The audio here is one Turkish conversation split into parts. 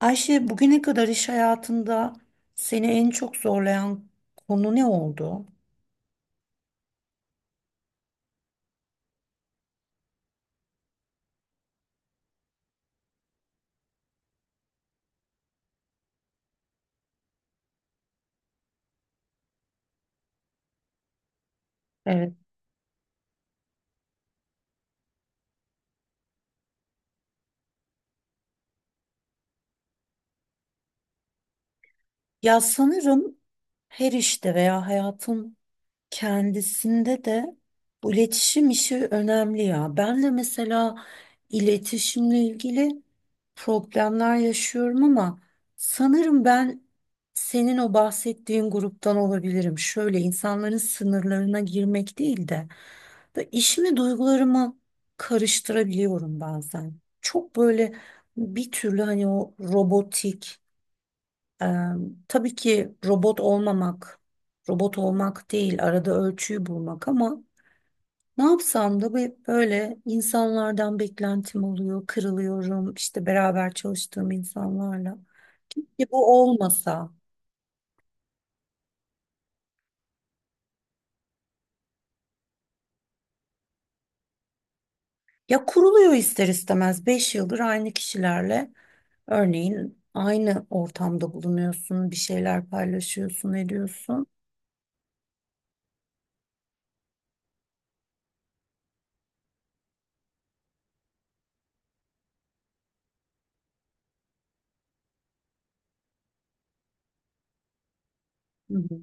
Ayşe, bugüne kadar iş hayatında seni en çok zorlayan konu ne oldu? Evet. Ya sanırım her işte veya hayatın kendisinde de bu iletişim işi önemli ya. Ben de mesela iletişimle ilgili problemler yaşıyorum ama sanırım ben senin o bahsettiğin gruptan olabilirim. Şöyle insanların sınırlarına girmek değil de böyle işimi duygularımı karıştırabiliyorum bazen. Çok böyle bir türlü hani o robotik Eee, tabii ki robot olmamak, robot olmak değil, arada ölçüyü bulmak ama ne yapsam da böyle insanlardan beklentim oluyor, kırılıyorum işte beraber çalıştığım insanlarla. Keşke bu olmasa. Ya kuruluyor ister istemez 5 yıldır aynı kişilerle örneğin aynı ortamda bulunuyorsun, bir şeyler paylaşıyorsun, ediyorsun. Hı hı.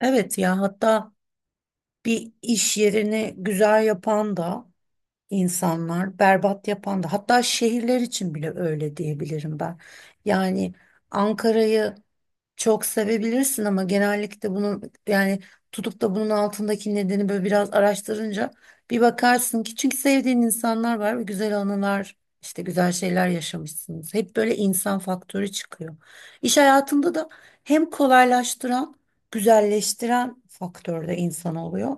Evet ya, hatta bir iş yerini güzel yapan da insanlar, berbat yapan da, hatta şehirler için bile öyle diyebilirim ben. Yani Ankara'yı çok sevebilirsin ama genellikle bunu, yani tutup da bunun altındaki nedeni böyle biraz araştırınca bir bakarsın ki çünkü sevdiğin insanlar var ve güzel anılar işte güzel şeyler yaşamışsınız. Hep böyle insan faktörü çıkıyor. İş hayatında da hem kolaylaştıran, güzelleştiren faktör de insan oluyor.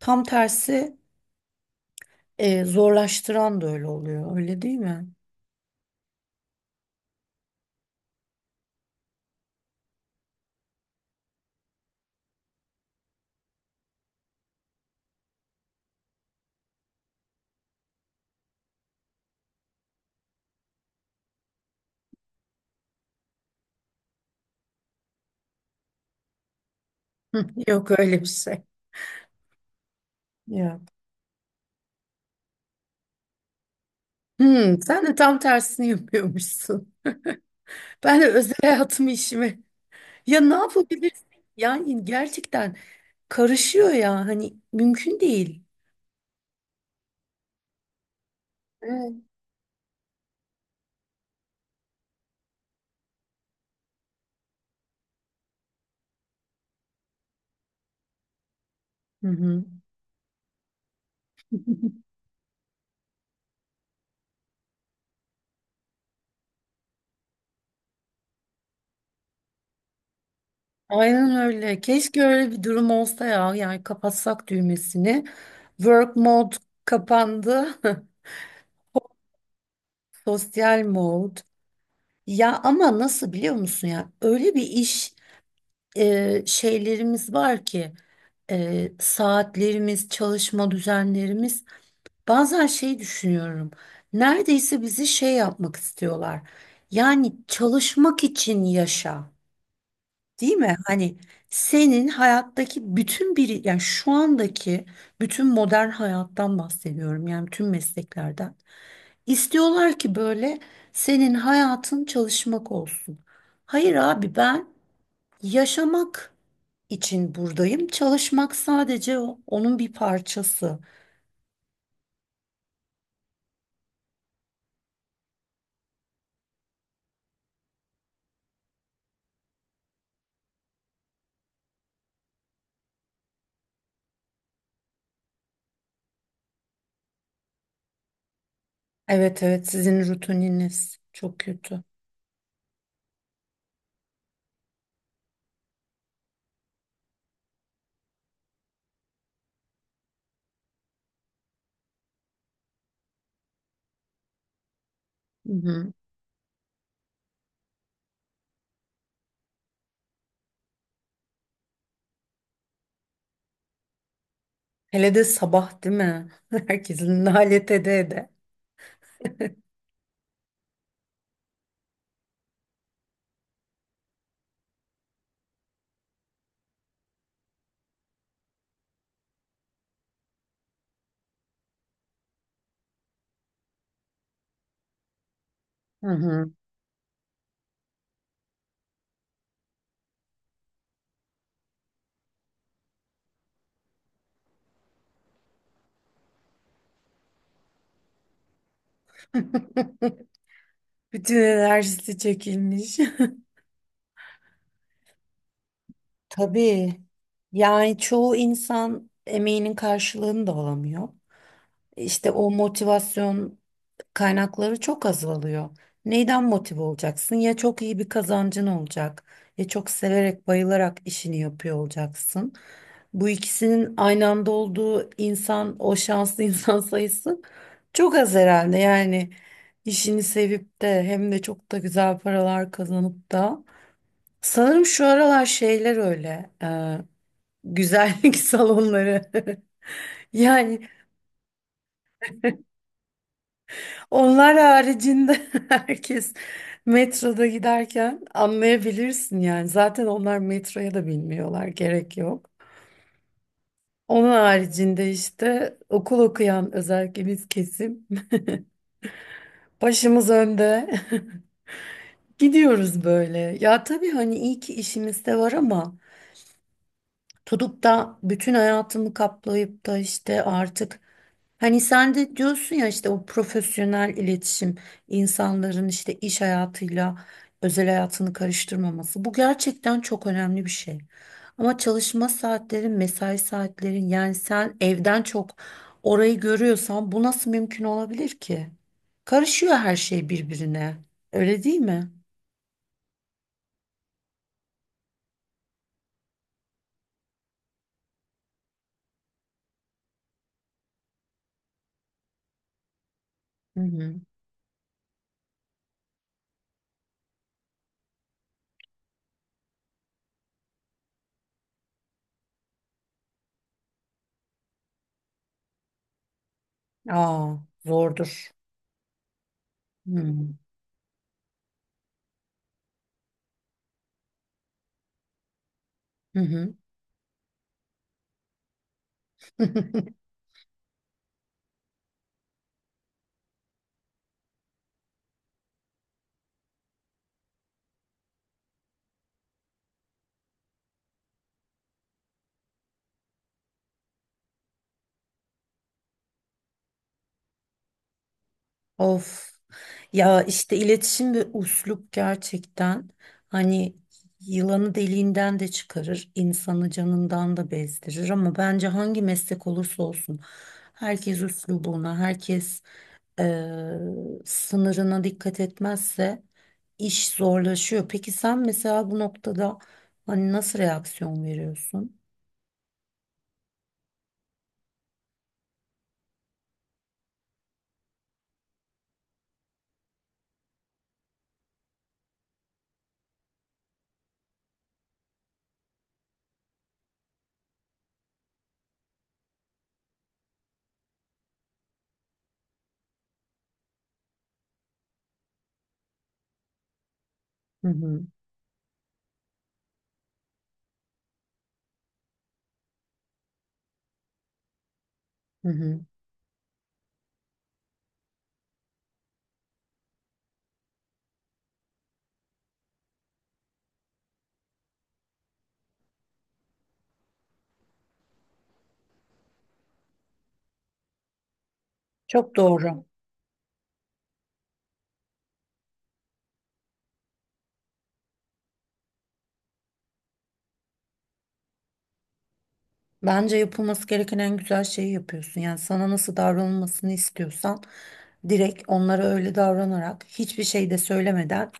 Tam tersi zorlaştıran da öyle oluyor, öyle değil mi? Hı, yok öyle bir şey. Ya. Hmm, sen de tam tersini yapıyormuşsun. Ben de özel hayatımı işime. Ya ne yapabilirsin? Yani gerçekten karışıyor ya. Hani mümkün değil. Evet. Hı hı. Aynen öyle. Keşke öyle bir durum olsa ya. Yani kapatsak düğmesini. Work mode kapandı. Sosyal mode. Ya ama nasıl biliyor musun ya? Öyle bir iş şeylerimiz var ki saatlerimiz, çalışma düzenlerimiz. Bazen şey düşünüyorum. Neredeyse bizi şey yapmak istiyorlar. Yani çalışmak için yaşa, değil mi? Hani senin hayattaki bütün bir, yani şu andaki bütün modern hayattan bahsediyorum. Yani tüm mesleklerden. İstiyorlar ki böyle senin hayatın çalışmak olsun. Hayır abi ben yaşamak için buradayım. Çalışmak sadece onun bir parçası. Evet evet, sizin rutininiz çok kötü. Hı hı. Hele de sabah değil mi? Herkesin nalet ede ede. Hı hı. Bütün enerjisi çekilmiş. Tabii. Yani çoğu insan emeğinin karşılığını da alamıyor. İşte o motivasyon kaynakları çok azalıyor. Neyden motive olacaksın? Ya çok iyi bir kazancın olacak, ya çok severek, bayılarak işini yapıyor olacaksın. Bu ikisinin aynı anda olduğu insan, o şanslı insan sayısı çok az herhalde. Yani işini sevip de hem de çok da güzel paralar kazanıp da. Sanırım şu aralar şeyler öyle, güzellik salonları. Yani onlar haricinde herkes metroda giderken anlayabilirsin yani. Zaten onlar metroya da bilmiyorlar, gerek yok. Onun haricinde işte okul okuyan özellikle biz kesim başımız önde gidiyoruz böyle. Ya tabii hani iyi ki işimiz de var ama tutup da bütün hayatımı kaplayıp da işte artık. Hani sen de diyorsun ya işte o profesyonel iletişim, insanların işte iş hayatıyla özel hayatını karıştırmaması, bu gerçekten çok önemli bir şey. Ama çalışma saatlerin, mesai saatlerin, yani sen evden çok orayı görüyorsan bu nasıl mümkün olabilir ki? Karışıyor her şey birbirine. Öyle değil mi? Hı hı. Aa, zordur. Hı hı. Hı hı. Of ya, işte iletişim ve üslup gerçekten, hani yılanı deliğinden de çıkarır, insanı canından da bezdirir ama bence hangi meslek olursa olsun herkes üslubuna, herkes eee, sınırına dikkat etmezse iş zorlaşıyor. Peki sen mesela bu noktada hani nasıl reaksiyon veriyorsun? Hı hı, hı hı. Çok doğru. Bence yapılması gereken en güzel şeyi yapıyorsun. Yani sana nasıl davranılmasını istiyorsan direkt onlara öyle davranarak hiçbir şey de söylemeden,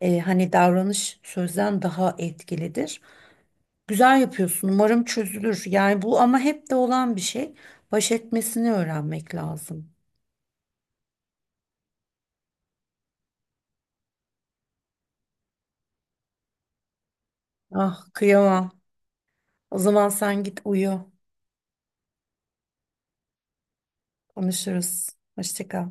hani davranış sözden daha etkilidir. Güzel yapıyorsun. Umarım çözülür. Yani bu ama hep de olan bir şey. Baş etmesini öğrenmek lazım. Ah kıyamam. O zaman sen git uyu. Konuşuruz. Hoşça kal.